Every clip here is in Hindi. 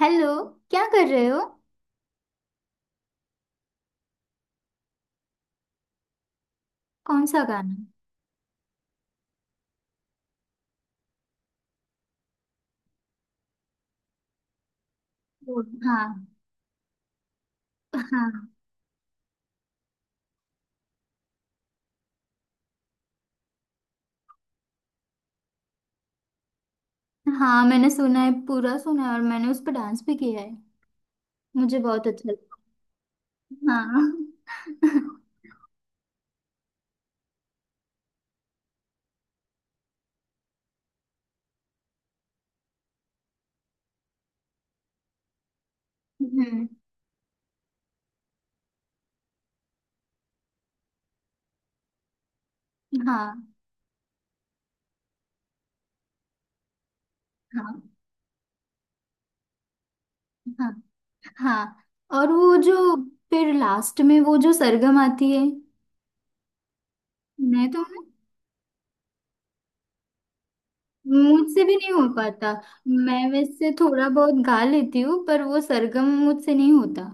हेलो। क्या कर रहे हो? कौन सा गाना? हाँ हाँ। हाँ, मैंने सुना है, पूरा सुना है, और मैंने उस पर डांस भी किया है। मुझे बहुत अच्छा लगा। हाँ। हम्म। हाँ। हाँ। हाँ। हाँ, और वो जो फिर लास्ट में वो जो सरगम आती है। मैं तो मुझसे भी नहीं हो पाता। मैं वैसे थोड़ा बहुत गा लेती हूँ, पर वो सरगम मुझसे नहीं होता।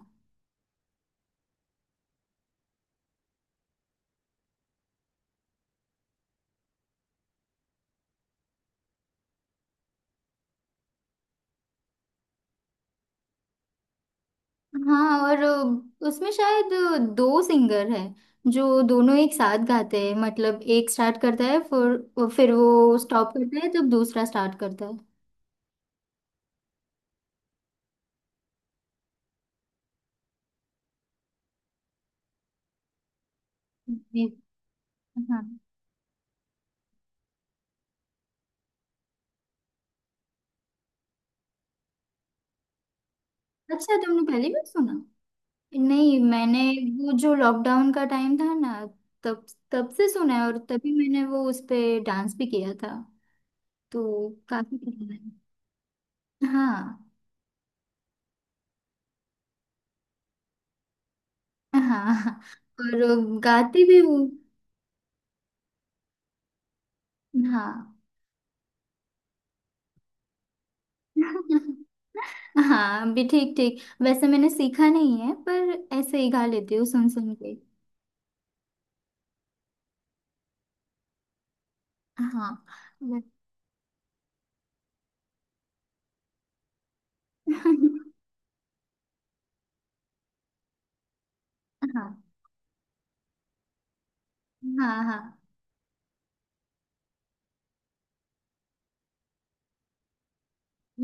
हाँ, और उसमें शायद दो सिंगर हैं, जो दोनों एक साथ गाते हैं। मतलब एक स्टार्ट करता है, फिर वो स्टॉप करता है, तब दूसरा स्टार्ट करता है। जी। हाँ, अच्छा तुमने पहले भी सुना? नहीं, मैंने वो जो लॉकडाउन का टाइम था ना, तब तब से सुना है, और तभी मैंने वो उस पे डांस भी किया था। तो काफी पसंद है। हाँ। हाँ, और गाती भी हूँ। हाँ। हाँ भी, ठीक ठीक, वैसे मैंने सीखा नहीं है, पर ऐसे ही गा लेती हूँ, सुन सुन के। हाँ। वे- हाँ। हाँ। हाँ।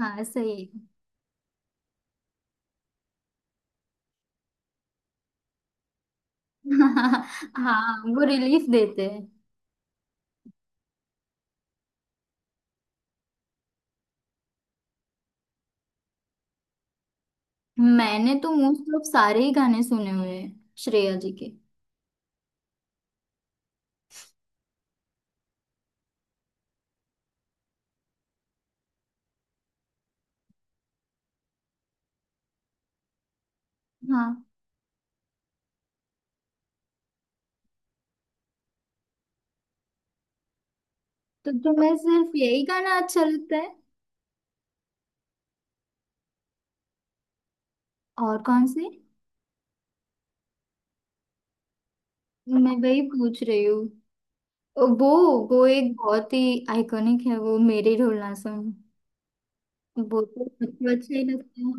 हाँ, सही। हाँ। हाँ, वो रिलीफ देते हैं। मैंने तो मोस्ट ऑफ सारे ही गाने सुने हुए हैं श्रेया जी के। हाँ। तो तुम्हें सिर्फ यही गाना अच्छा लगता है? और कौन से? मैं वही पूछ रही हूँ। वो वो एक बहुत ही आइकॉनिक है, वो मेरे ढोलना सुन, वो तो सबको अच्छा ही लगता है।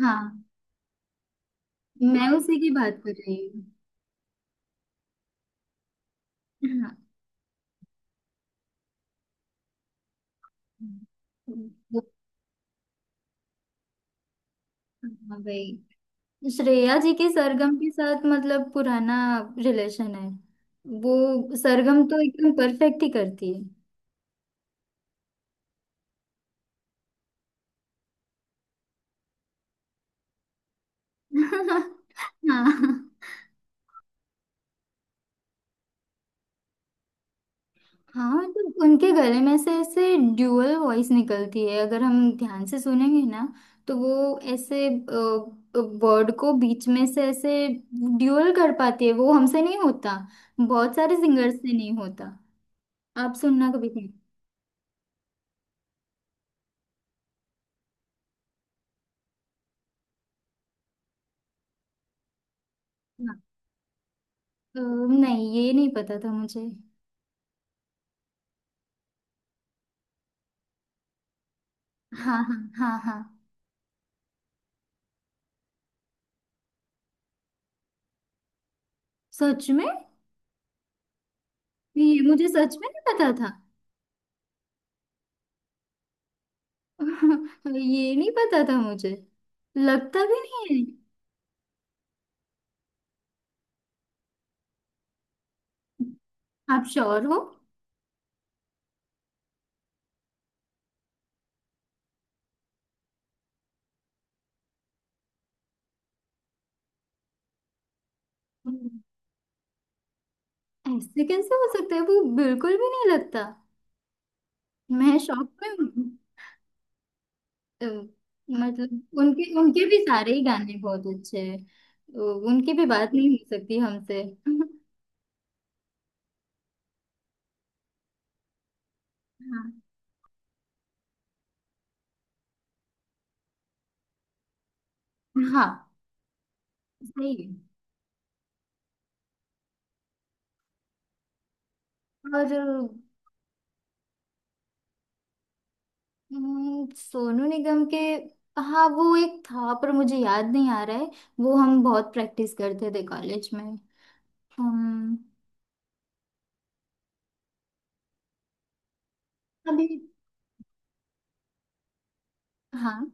हाँ, मैं उसी की बात कर रही हूँ। हाँ। हाँ भाई, श्रेया जी के सरगम के साथ मतलब पुराना रिलेशन है। वो सरगम तो एकदम परफेक्ट ही करती है। हाँ। हाँ, मतलब उनके गले में से ऐसे ड्यूअल वॉइस निकलती है, अगर हम ध्यान से सुनेंगे ना, तो वो ऐसे वर्ड को बीच में से ऐसे ड्यूअल कर पाती है। वो हमसे नहीं होता, बहुत सारे सिंगर्स से नहीं होता। आप सुनना कभी। हाँ, अ, नहीं ये नहीं पता था मुझे। हाँ। हाँ। हाँ। हाँ, सच में, ये मुझे सच में नहीं पता था। ये नहीं पता था मुझे, लगता भी नहीं है। आप श्योर हो? हम्म। ऐसे कैसे हो सकता है, वो बिल्कुल भी नहीं लगता। मैं शॉक में हूँ। अ, मतलब उनके उनके भी सारे ही गाने बहुत अच्छे हैं। उनकी भी बात नहीं हो सकती हमसे। हाँ। हाँ, सही है। और सोनू निगम के। हाँ, वो एक था पर मुझे याद नहीं आ रहा है। वो हम बहुत प्रैक्टिस करते थे कॉलेज में। हम। अभी। हाँ।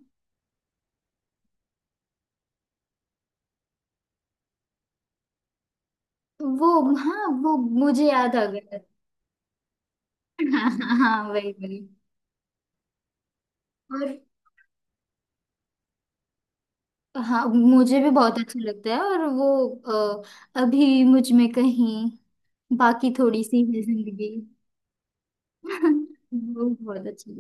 वो। हाँ, वो मुझे याद आ गया। हाँ, हाँ, हाँ, वही वही। और हाँ, मुझे भी बहुत अच्छा लगता है। और वो अभी मुझ में कहीं, बाकी थोड़ी सी है जिंदगी। वो बहुत अच्छी।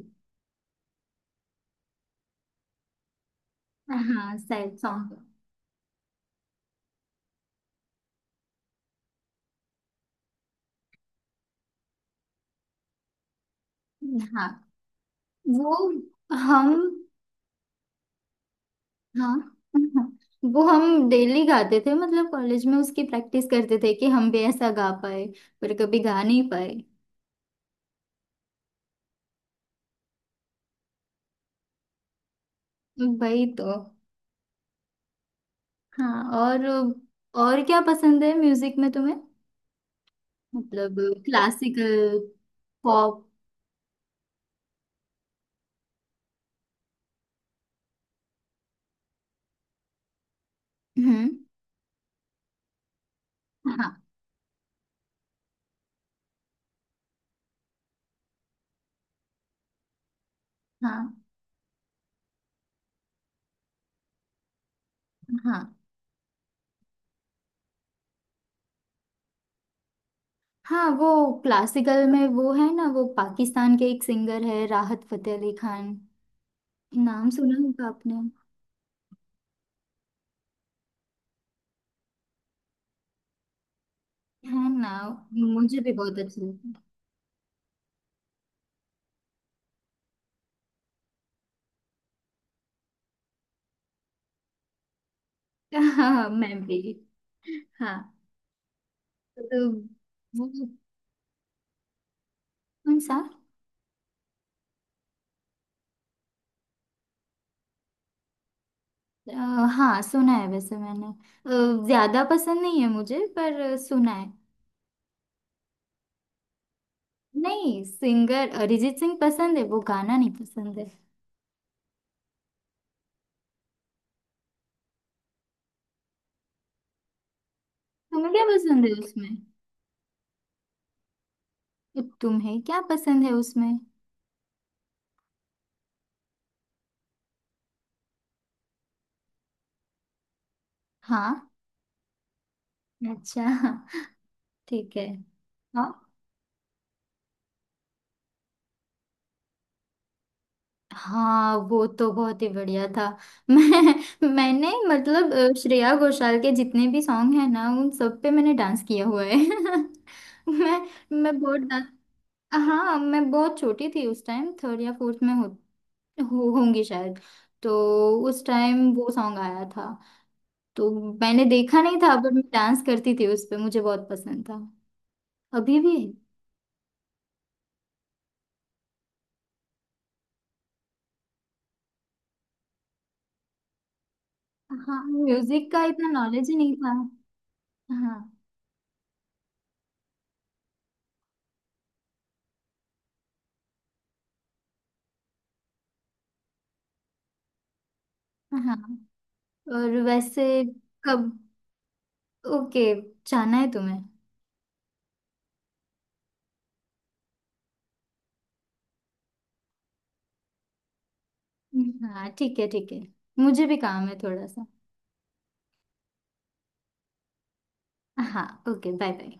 हाँ, सैड सॉन्ग। हाँ, वो हम, हाँ। वो हम डेली गाते थे, मतलब कॉलेज में उसकी प्रैक्टिस करते थे कि हम भी ऐसा गा पाए, पर कभी गा नहीं पाए। वही तो। हाँ, और क्या पसंद है म्यूजिक में तुम्हें? मतलब क्लासिकल, पॉप? हम्म। हाँ। हाँ। हाँ। हाँ, वो क्लासिकल में वो है ना, वो पाकिस्तान के एक सिंगर है, राहत फतेह अली खान, नाम सुना होगा आपने। है ना, मुझे भी बहुत अच्छा लगता है। हाँ, मैं भी। हाँ। तो वो कौन सा? अ, हाँ, सुना है वैसे मैंने। ज्यादा पसंद नहीं है मुझे, पर सुना है। नहीं, सिंगर अरिजीत सिंह पसंद है, वो गाना नहीं पसंद है। तुम्हें क्या पसंद है उसमें? तुम्हें क्या पसंद है उसमें? हाँ। अच्छा। ठीक है। हाँ। हाँ, वो तो बहुत ही बढ़िया था। मैंने मतलब श्रेया घोषाल के जितने भी सॉन्ग हैं ना, उन सब पे मैंने डांस किया हुआ है। मैं मैं बहुत डांस। हाँ, मैं बहुत छोटी थी उस टाइम, थर्ड या फोर्थ में हो होंगी शायद। तो उस टाइम वो सॉन्ग आया था। तो मैंने देखा नहीं था, पर मैं डांस करती थी उस पे, मुझे बहुत पसंद था। अभी भी। हाँ। म्यूजिक का इतना नॉलेज ही नहीं था। हाँ। हाँ, और वैसे कब? ओके। जाना है तुम्हें? हाँ, ठीक है, ठीक है। मुझे भी काम है थोड़ा सा। हाँ, ओके। Bye bye.